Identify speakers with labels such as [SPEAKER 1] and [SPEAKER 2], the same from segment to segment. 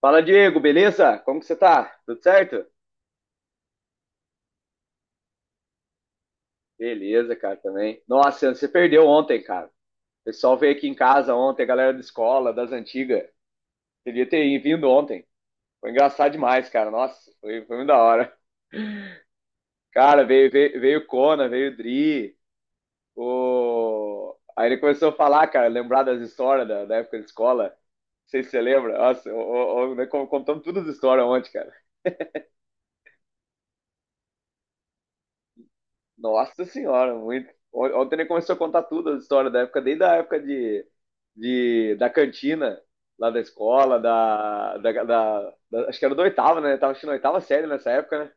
[SPEAKER 1] Fala, Diego, beleza? Como que você tá? Tudo certo? Beleza, cara, também. Nossa, você perdeu ontem, cara. O pessoal veio aqui em casa ontem, a galera da escola, das antigas. Devia ter vindo ontem. Foi engraçado demais, cara. Nossa, foi muito da hora. Cara, veio o Conan, veio o Dri. Aí ele começou a falar, cara, lembrar das histórias da época de escola. Não sei se você lembra. Nossa, nós contamos todas as histórias ontem, cara. Nossa senhora, muito. Ontem ele começou a contar tudo a história da época, desde a época da cantina, lá da escola, acho que era do oitavo, né? Tava assistindo a oitava série nessa época, né?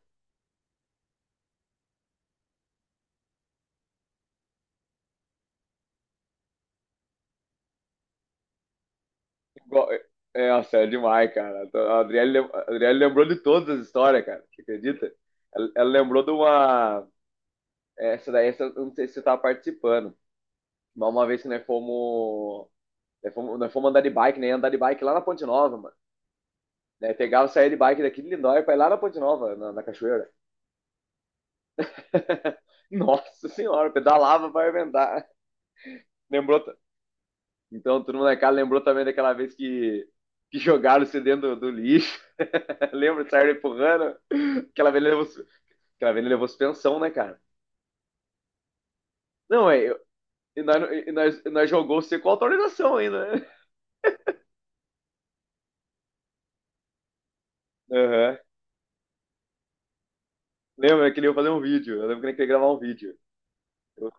[SPEAKER 1] Igual- É, nossa, é demais, cara. Então, a Adriele lembrou de todas as histórias, cara. Você acredita? Ela lembrou de uma. Essa daí, essa, eu não sei se você tava participando. Mas uma vez que nós fomos. Nós fomos andar de bike, né? Andar de bike lá na Ponte Nova, mano. Daí pegava, saía de bike daqui de Lindóia pra ir lá na Ponte Nova, na cachoeira. Nossa senhora, pedalava para inventar. Lembrou? Então, todo mundo na casa lembrou também daquela vez que, jogaram você dentro do lixo. Lembra de sair empurrando? Aquela vez ele levou, su- aquela vez ele levou suspensão, né, cara? Não, é. E nós, e nós jogou você com autorização ainda, né? Aham. Lembra que ele ia fazer um vídeo? Eu lembro que ele queria gravar um vídeo. Eu,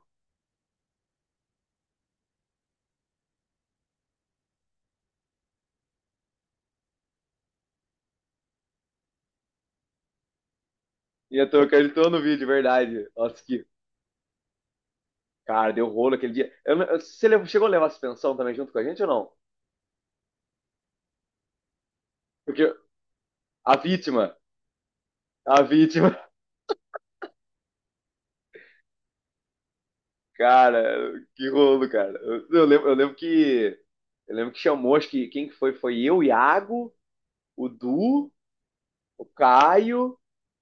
[SPEAKER 1] e eu tô acreditando no vídeo, verdade. Nossa, que cara, deu rolo aquele dia. Eu não- você levou- Chegou a levar a suspensão também junto com a gente ou não? Porque a vítima, a vítima, cara, que rolo, cara. Eu lembro que chamou, acho que quem que foi? Foi eu, o Iago, o Du, o Caio,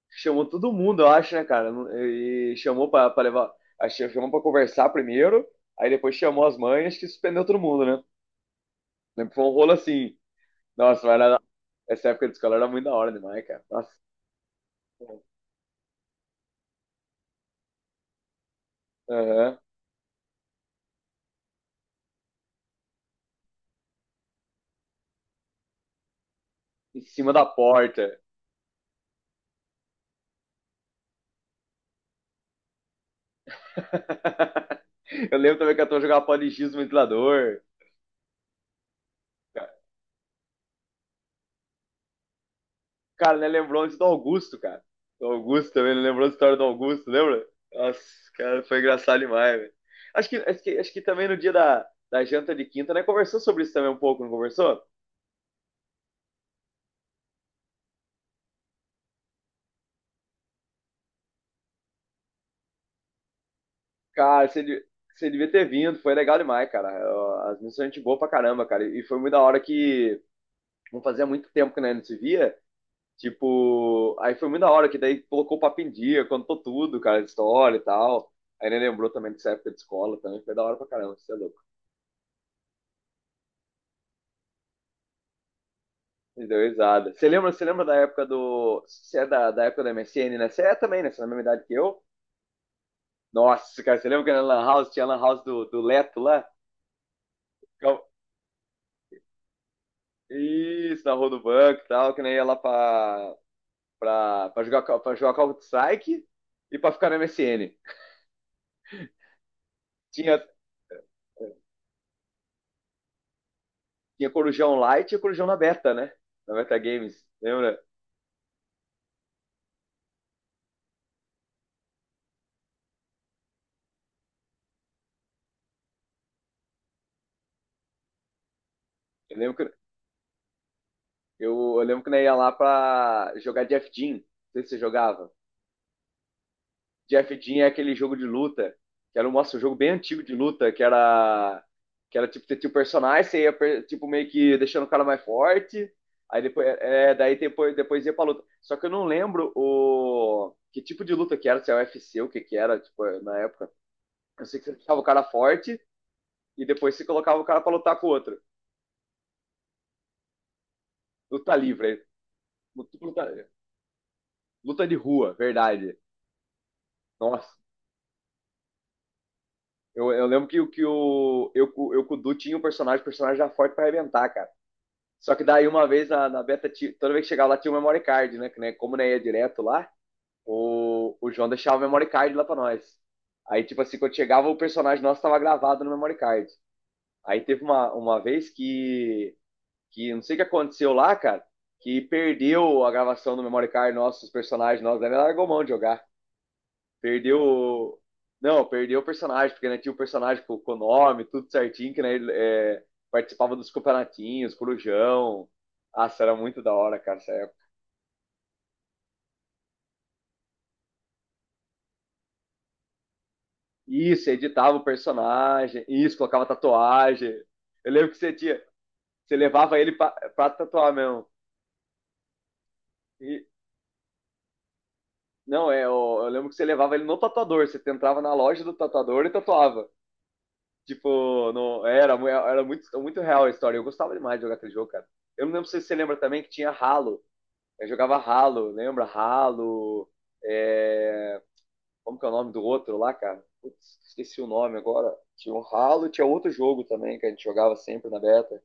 [SPEAKER 1] chamou todo mundo, eu acho, né, cara? E chamou pra levar, acho que chamou pra conversar primeiro, aí depois chamou as mães, que suspendeu todo mundo, né? Lembro que foi um rolo assim. Nossa, essa época de escola era muito da hora demais, cara. Nossa. Aham. Em cima da porta. Eu lembro também que a turma jogava pó de giz no ventilador. Cara, né, lembrou antes do Augusto, cara. Do Augusto também, não lembrou a história do Augusto, lembra? Nossa, cara, foi engraçado demais, velho. Acho que também no dia da janta de quinta, né? Conversou sobre isso também um pouco, não conversou? Cara, você devia ter vindo, foi legal demais, cara. As missões a gente boa pra caramba, cara. E foi muito da hora que não fazia muito tempo que né, não se via. Tipo, aí foi muito da hora, que daí colocou o papo em dia, contou tudo, cara, história e tal. Aí ele lembrou também dessa época de escola também, foi da hora pra caramba, você é louco. Me deu risada. Você lembra da época do. Você é da época da MSN, né? Você é também, né? Você é da mesma idade que eu. Nossa, cara, você lembra que na Lan House tinha a Lan House do Leto lá? Ficava- Isso, na rua do banco e tal, que nem ia lá pra jogar Call of Strike e pra ficar na MSN. Tinha, tinha Corujão Light e Corujão na Beta, né? Na Beta Games, lembra? Eu lembro que, eu, eu lembro que nós ia lá pra jogar Jeff Jean. Não sei se você jogava. Jeff Jean é aquele jogo de luta, que era um, nossa, um jogo bem antigo de luta, que era tipo, você tinha o personagem, você ia tipo, meio que deixando o cara mais forte. Aí depois, é, daí depois ia pra luta. Só que eu não lembro o que tipo de luta que era, se é UFC, o que que era, tipo, na época. Eu sei que você deixava o cara forte e depois você colocava o cara pra lutar com o outro. Luta livre, luta, luta luta de rua, verdade. Nossa. Eu lembro que o, eu, cu- eu com o Du tinha um personagem, o personagem já forte pra arrebentar, cara. Só que daí uma vez na beta, toda vez que chegava lá tinha o memory card, né? Que, né como não ia direto lá, o João deixava o memory card lá pra nós. Aí, tipo assim, quando chegava o personagem nosso tava gravado no memory card. Aí teve uma vez que, não sei o que aconteceu lá, cara, que perdeu a gravação do memory card nosso, os personagens nossos, aí ele largou mão de jogar. Perdeu. Não, perdeu o personagem, porque né, tinha o personagem com o nome, tudo certinho, que né, ele, é, participava dos campeonatinhos, Corujão. Nossa, era muito da hora, cara, essa época. Isso, editava o personagem, isso, colocava tatuagem. Eu lembro que você tinha. Você levava ele pra tatuar mesmo. E, não, é, eu lembro que você levava ele no tatuador. Você entrava na loja do tatuador e tatuava. Tipo, no, era, mu- era muito, muito real a história. Eu gostava demais de jogar aquele jogo, cara. Eu não lembro se você lembra também que tinha Halo. Eu jogava Halo, lembra? Halo. é, Como que é o nome do outro lá, cara? Putz, esqueci o nome agora. Tinha um Halo, tinha outro jogo também que a gente jogava sempre na beta.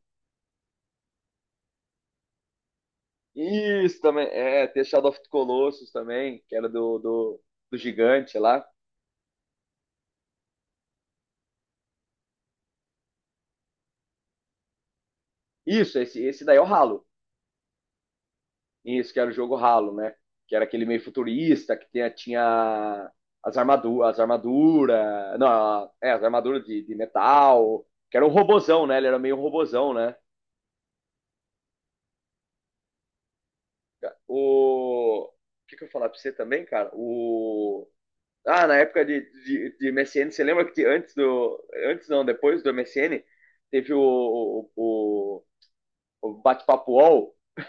[SPEAKER 1] Isso também, é, tem Shadow of the Colossus também, que era do gigante lá. Isso, esse daí é o Halo. Isso, que era o jogo Halo, né? Que era aquele meio futurista, que tinha, tinha as armaduras, não, é, as armaduras de metal, que era um robozão, né? Ele era meio um robozão, né? O, que, eu ia falar pra você também, cara? O, ah, na época de MSN, você lembra antes do. Antes não, depois do MSN, teve o, o bate-papo UOL?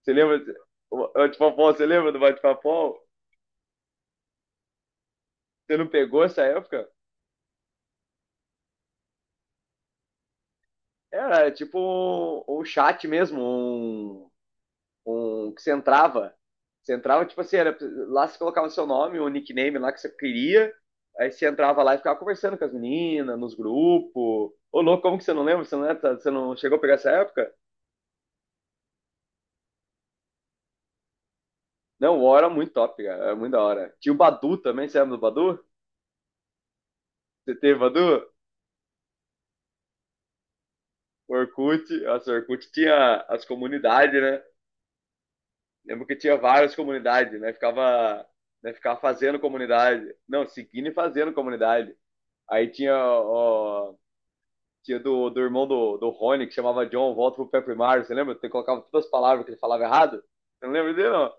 [SPEAKER 1] Você lembra? O bate-papo UOL, você lembra do bate-papo UOL? Você não pegou essa época? Era tipo um, um chat mesmo, um que você entrava, tipo assim, era, lá você colocava o seu nome, o nickname lá que você queria, aí você entrava lá e ficava conversando com as meninas, nos grupos. Ô, louco, como que você não lembra? Você não, você não chegou a pegar essa época? Não, o UOL era muito top, cara, era muito da hora. Tinha o Badu também, você lembra do Badu? Você teve Badu? O Orkut, nossa, o Orkut tinha as comunidades, né? Lembro que tinha várias comunidades, né? Ficava, né? Ficava fazendo comunidade. Não, seguindo e fazendo comunidade. Aí tinha, ó, tinha do irmão do Rony, que chamava John, volta pro Pepper Mario, você lembra? Você colocava todas as palavras que ele falava errado. Você não lembra dele, não?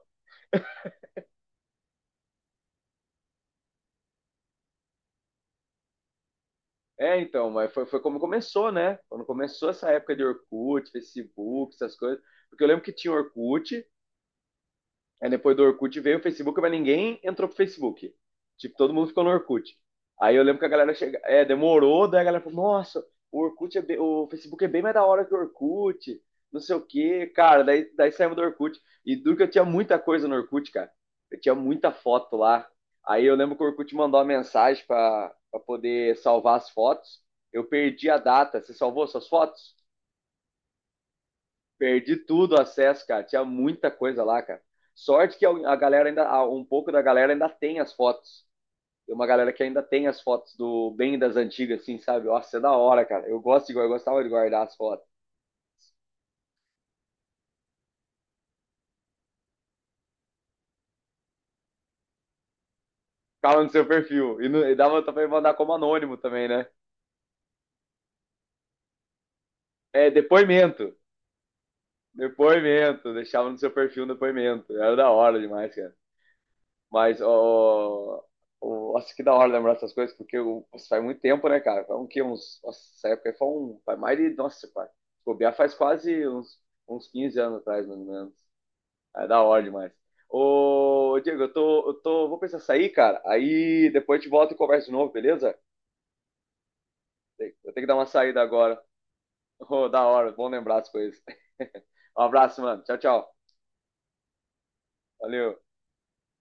[SPEAKER 1] É, então, mas foi como começou, né? Quando começou essa época de Orkut, Facebook, essas coisas. Porque eu lembro que tinha Orkut. Aí depois do Orkut veio o Facebook, mas ninguém entrou pro Facebook. Tipo, todo mundo ficou no Orkut. Aí eu lembro que a galera chega, é, demorou, daí a galera falou, nossa, o Orkut é bem- o Facebook é bem mais da hora que o Orkut, não sei o quê. Cara, daí saímos do Orkut. E duro que eu tinha muita coisa no Orkut, cara. Eu tinha muita foto lá. Aí eu lembro que o Orkut mandou uma mensagem pra poder salvar as fotos. Eu perdi a data. Você salvou suas fotos? Perdi tudo o acesso, cara. Tinha muita coisa lá, cara. Sorte que a galera ainda, um pouco da galera ainda tem as fotos. Tem uma galera que ainda tem as fotos do bem das antigas, assim, sabe? Nossa, é da hora, cara. Eu gosto de, eu gostava de guardar as fotos. Ficava no seu perfil. E, no, e dava pra mandar como anônimo também, né? É, depoimento. Depoimento. Deixava no seu perfil um depoimento. Era da hora demais, cara. Mas, ó, ó, acho que da hora lembrar essas coisas, porque o- nossa, faz muito tempo, né, cara? Foi um que uns. Nossa, essa época aí foi um. Faz mais de. Nossa, pai. Se bobear faz quase uns 15 anos atrás, mais ou menos. É da hora demais. Ô, Diego, eu tô. Vou precisar sair, cara. Aí depois a gente volta e conversa de novo, beleza? Eu tenho que dar uma saída agora. Ô, da hora, bom lembrar as coisas. Um abraço, mano. Tchau, tchau. Valeu.